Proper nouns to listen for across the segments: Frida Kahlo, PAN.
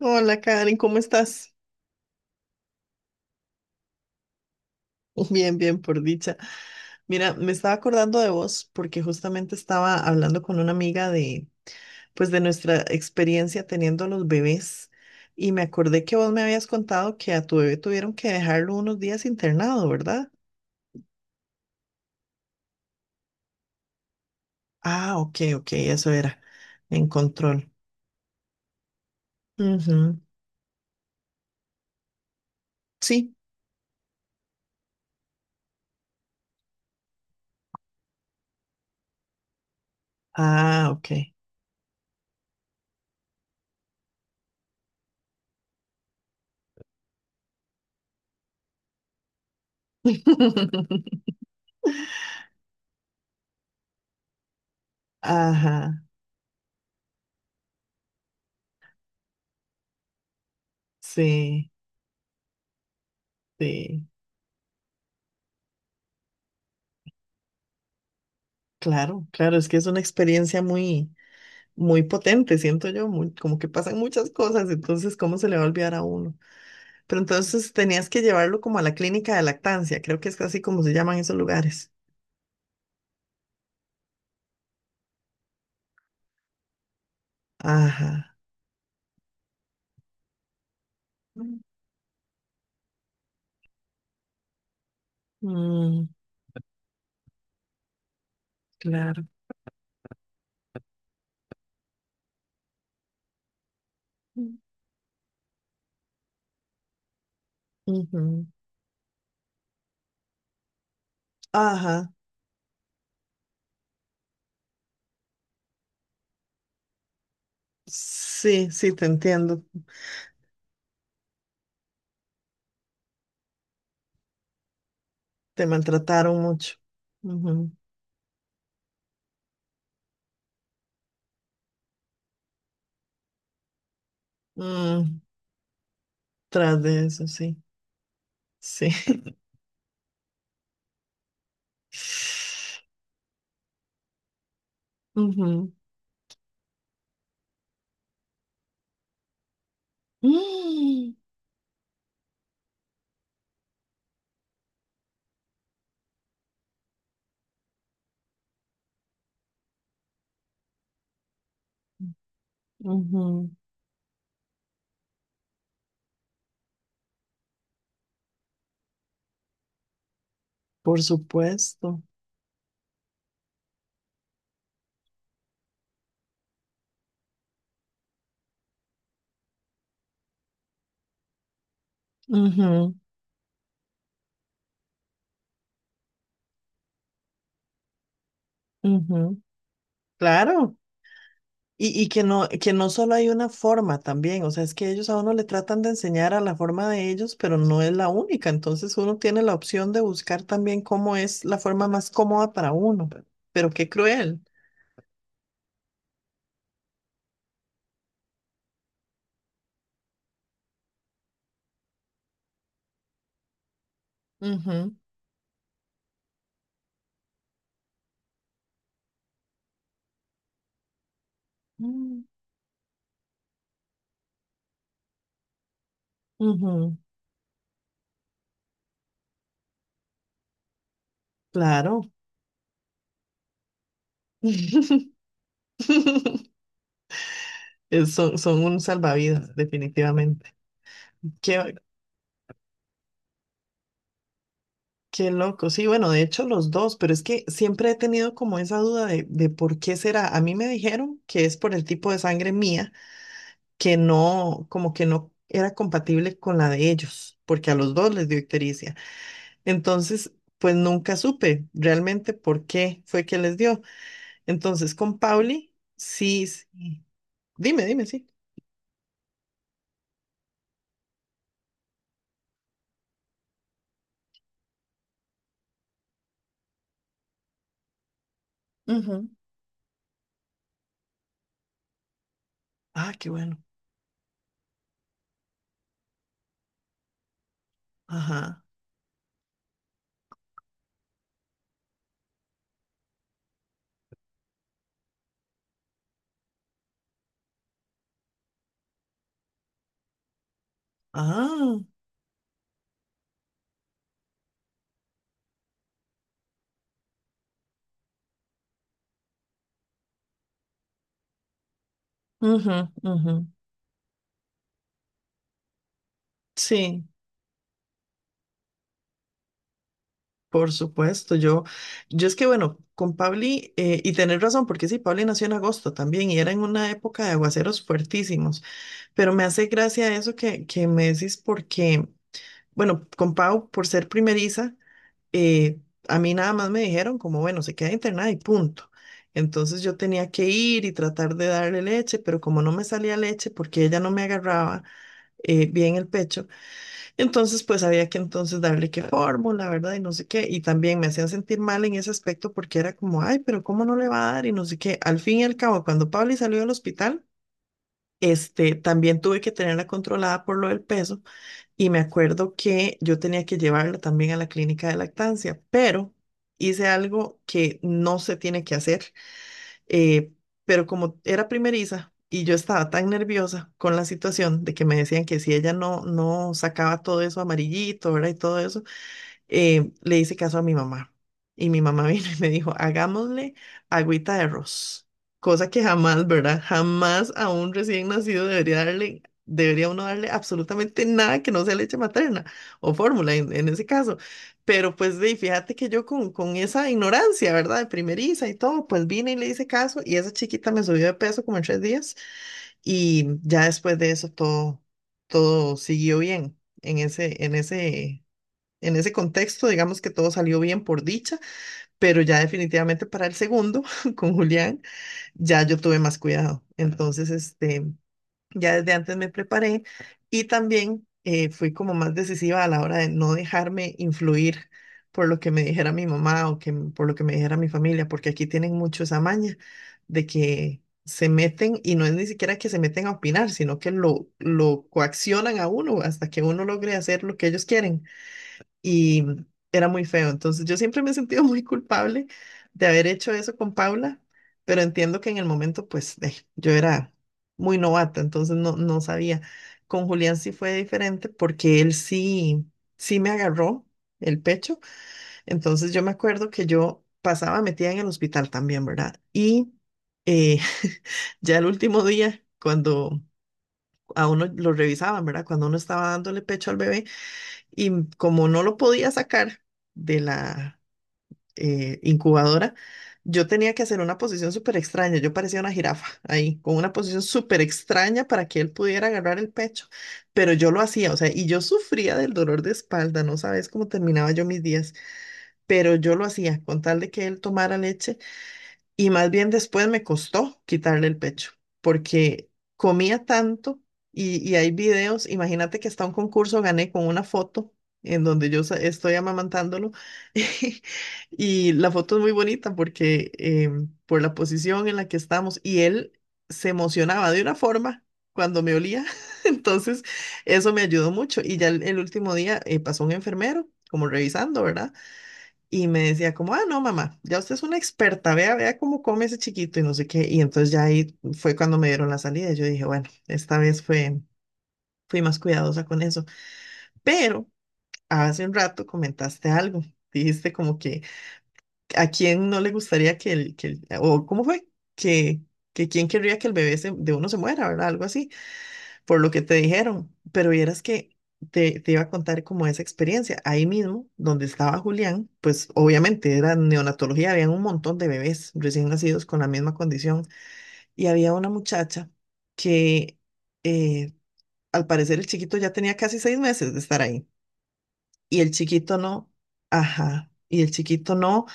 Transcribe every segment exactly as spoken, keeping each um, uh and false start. Hola Karen, ¿cómo estás? Bien, bien, por dicha. Mira, me estaba acordando de vos porque justamente estaba hablando con una amiga de, pues, de nuestra experiencia teniendo los bebés y me acordé que vos me habías contado que a tu bebé tuvieron que dejarlo unos días internado, ¿verdad? Ah, ok, ok, eso era, en control. Ujú. Sí. Ah, ok. Ajá, sí, sí, claro, claro, es que es una experiencia muy, muy potente, siento yo, muy, como que pasan muchas cosas, entonces, ¿cómo se le va a olvidar a uno? Pero entonces tenías que llevarlo como a la clínica de lactancia, creo que es así como se llaman esos lugares. Ajá. Mm, claro. Ujú. Ajá. Sí, sí, te entiendo. Te maltrataron mucho. Ujú. Mm, tras de eso, sí. Sí. Ujú. Mm, ujú. Por supuesto. Ujú, ujú. Claro, y, y que no, que no solo hay una forma también, o sea, es que ellos a uno le tratan de enseñar a la forma de ellos, pero no es la única, entonces uno tiene la opción de buscar también cómo es la forma más cómoda para uno, pe- pero, qué cruel. Ujú. Mm, ujú. Claro. Es- Son, son un salvavidas, definitivamente. Qué, qué loco. Sí, bueno, de hecho los dos, pero es que siempre he tenido como esa duda de, de por qué será. A mí me dijeron que es por el tipo de sangre mía, que no, como que no era compatible con la de ellos, porque a los dos les dio ictericia. Entonces, pues nunca supe realmente por qué fue que les dio. Entonces, con Pauli, sí, s- dime, dime, sí. Ujú. Ah, qué bueno. Ajá. Ah, ujú, ujú. Sí, por supuesto. Yo, yo es que bueno, con Pauli, eh, y tenés razón, porque sí, Pauli nació en agosto también y era en una época de aguaceros fuertísimos. Pero me hace gracia eso que, que me decís porque, bueno, con Pau, por ser primeriza, eh, a mí nada más me dijeron como, bueno, se queda internada y punto. Entonces yo tenía que ir y tratar de darle leche, pero como no me salía leche porque ella no me agarraba eh, bien el pecho, entonces pues había que entonces darle que fórmula, ¿verdad? Y no sé qué. Y también me hacían sentir mal en ese aspecto porque era como, ay, pero ¿cómo no le va a dar? Y no sé qué. Al fin y al cabo, cuando Pauli salió del hospital, este, también tuve que tenerla controlada por lo del peso y me acuerdo que yo tenía que llevarla también a la clínica de lactancia, pero hice algo que no se tiene que hacer, eh, pero como era primeriza y yo estaba tan nerviosa con la situación de que me decían que si ella no, no sacaba todo eso amarillito, ¿verdad? Y todo eso, eh, le hice caso a mi mamá. Y mi mamá vino y me dijo, hagámosle agüita de arroz. Cosa que jamás, ¿verdad? Jamás a un recién nacido debería darle, debería uno darle absolutamente nada que no sea leche materna o fórmula en, en ese caso. Pero pues de, fíjate que yo con, con esa ignorancia, ¿verdad? De primeriza y todo, pues vine y le hice caso y esa chiquita me subió de peso como en tres días y ya después de eso todo, todo siguió bien en ese, en ese en ese contexto, digamos que todo salió bien por dicha, pero ya definitivamente para el segundo, con Julián, ya yo tuve más cuidado. Entonces, este, ya desde antes me preparé y también eh, fui como más decisiva a la hora de no dejarme influir por lo que me dijera mi mamá o que, m- por lo que me dijera mi familia, porque aquí tienen mucho esa maña de que se meten y no es ni siquiera que se meten a opinar, sino que lo, lo coaccionan a uno hasta que uno logre hacer lo que ellos quieren y era muy feo. Entonces yo siempre me he sentido muy culpable de haber hecho eso con Paula, pero entiendo que en el momento pues eh, yo era muy novata, entonces no, no sabía. Con Julián sí fue diferente porque él sí, sí me agarró el pecho, entonces yo me acuerdo que yo pasaba metida en el hospital también, ¿verdad? Y eh, ya el último día, cuando a uno lo revisaban, ¿verdad? Cuando uno estaba dándole pecho al bebé y como no lo podía sacar de la eh, incubadora, yo tenía que hacer una posición súper extraña. Yo parecía una jirafa ahí, con una posición súper extraña para que él pudiera agarrar el pecho. Pero yo lo hacía, o sea, y yo sufría del dolor de espalda, no sabes cómo terminaba yo mis días, pero yo lo hacía con tal de que él tomara leche y más bien después me costó quitarle el pecho, porque comía tanto y, y hay videos, imagínate que hasta un concurso gané con una foto en donde yo sa- estoy amamantándolo y la foto es muy bonita porque em, por la posición en la que estamos y él se emocionaba de una forma cuando me olía, entonces eso me ayudó mucho y ya el, el último día eh, pasó un enfermero como revisando, ¿verdad? Y me decía como, ah, no, mamá, ya usted es una experta, vea, vea cómo come ese chiquito y no sé qué. Y entonces ya ahí fue cuando me dieron la salida. Yo dije, bueno, esta vez fue, fui más cuidadosa con eso. Pero hace un rato comentaste algo. Dijiste como que a quién no le gustaría que el, que el- o cómo fue, que, que quién querría que el bebé se- de uno se muera, ¿verdad? Algo así por lo que te dijeron, pero vieras que te, te iba a contar como esa experiencia. Ahí mismo, donde estaba Julián, pues obviamente era neonatología, había un montón de bebés recién nacidos con la misma condición y había una muchacha que eh, al parecer el chiquito ya tenía casi seis meses de estar ahí y el chiquito no, ajá, y el chiquito no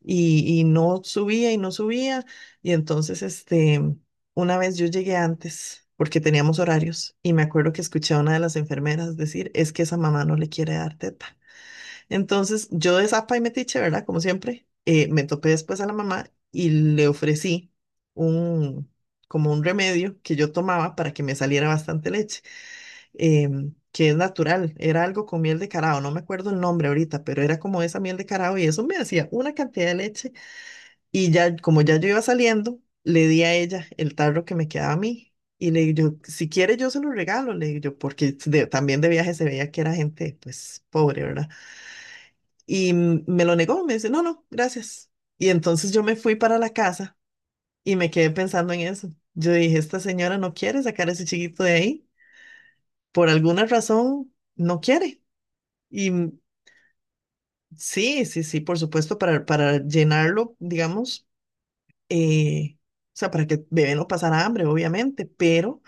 y, y no subía y no subía. Y entonces, este, una vez yo llegué antes porque teníamos horarios y me acuerdo que escuché a una de las enfermeras decir, es que esa mamá no le quiere dar teta. Entonces, yo de zapa y metiche, ¿verdad? Como siempre, eh, me topé después a la mamá y le ofrecí un, como un remedio que yo tomaba para que me saliera bastante leche. Em, que es natural, era algo con miel de carao, no me acuerdo el nombre ahorita, pero era como esa miel de carao y eso me hacía una cantidad de leche y ya, como ya yo iba saliendo, le di a ella el tarro que me quedaba a mí. Y le digo, yo, si quiere yo se lo regalo, le digo yo, porque de- también de viaje se veía que era gente, pues, pobre, ¿verdad? Y mm, me lo negó, me dice, no, no, gracias. Y entonces yo me fui para la casa y me quedé pensando en eso. Yo dije, esta señora no quiere sacar a ese chiquito de ahí, por alguna razón no quiere. Y mm, sí, sí, sí, por supuesto, para, para llenarlo, digamos eh, o sea, para que el bebé no pasara hambre, obviamente, pero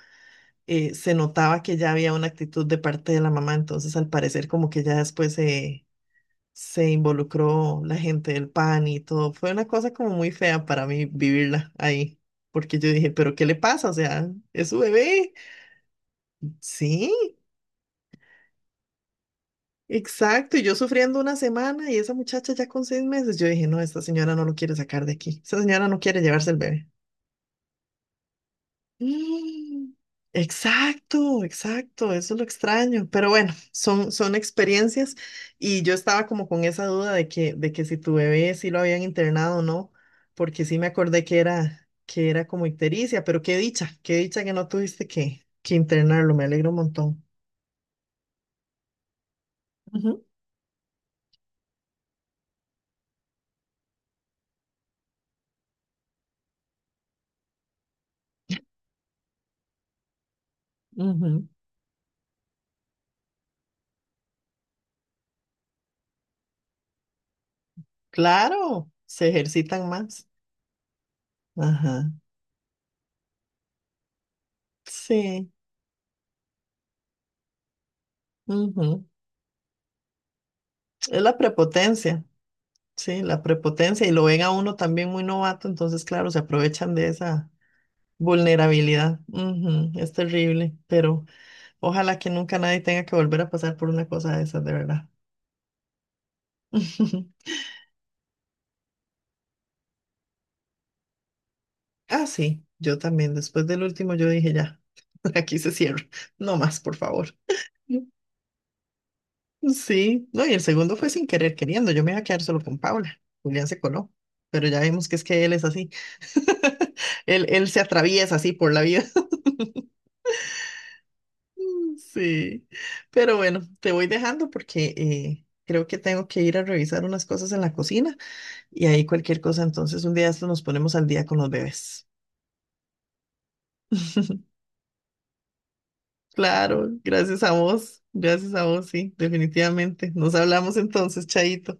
eh, se notaba que ya había una actitud de parte de la mamá, entonces al parecer como que ya después se, se involucró la gente del PAN y todo. Fue una cosa como muy fea para mí vivirla ahí, porque yo dije, pero ¿qué le pasa? O sea, es su bebé. Sí, exacto. Y yo sufriendo una semana y esa muchacha ya con seis meses, yo dije, no, esta señora no lo quiere sacar de aquí, esta señora no quiere llevarse el bebé. Mm. Exacto, exacto, eso es lo extraño, pero bueno, son, son experiencias y yo estaba como con esa duda de que, de que si tu bebé sí lo habían internado o no, porque sí me acordé que era, que era como ictericia, pero qué dicha, qué dicha que no tuviste que, que internarlo, me alegro un montón. Ujú, ujú. Claro, se ejercitan más. Ajá, sí, ujú. Es la prepotencia. Sí, la prepotencia y lo ven a uno también muy novato, entonces claro, se aprovechan de esa vulnerabilidad. Ujú, es terrible, pero ojalá que nunca nadie tenga que volver a pasar por una cosa de esas, de verdad. Ah, sí, yo también, después del último yo dije ya, aquí se cierra, no más, por favor. Sí, no, y el segundo fue sin querer queriendo, yo me iba a quedar solo con Paula, Julián se coló, pero ya vimos que es que él es así, él, él se atraviesa así por la vida. Sí, pero bueno, te voy dejando porque eh, creo que tengo que ir a revisar unas cosas en la cocina y ahí cualquier cosa, entonces un día de estos nos ponemos al día con los bebés. Claro, gracias a vos, gracias a vos, sí, definitivamente. Nos hablamos entonces, Chaito.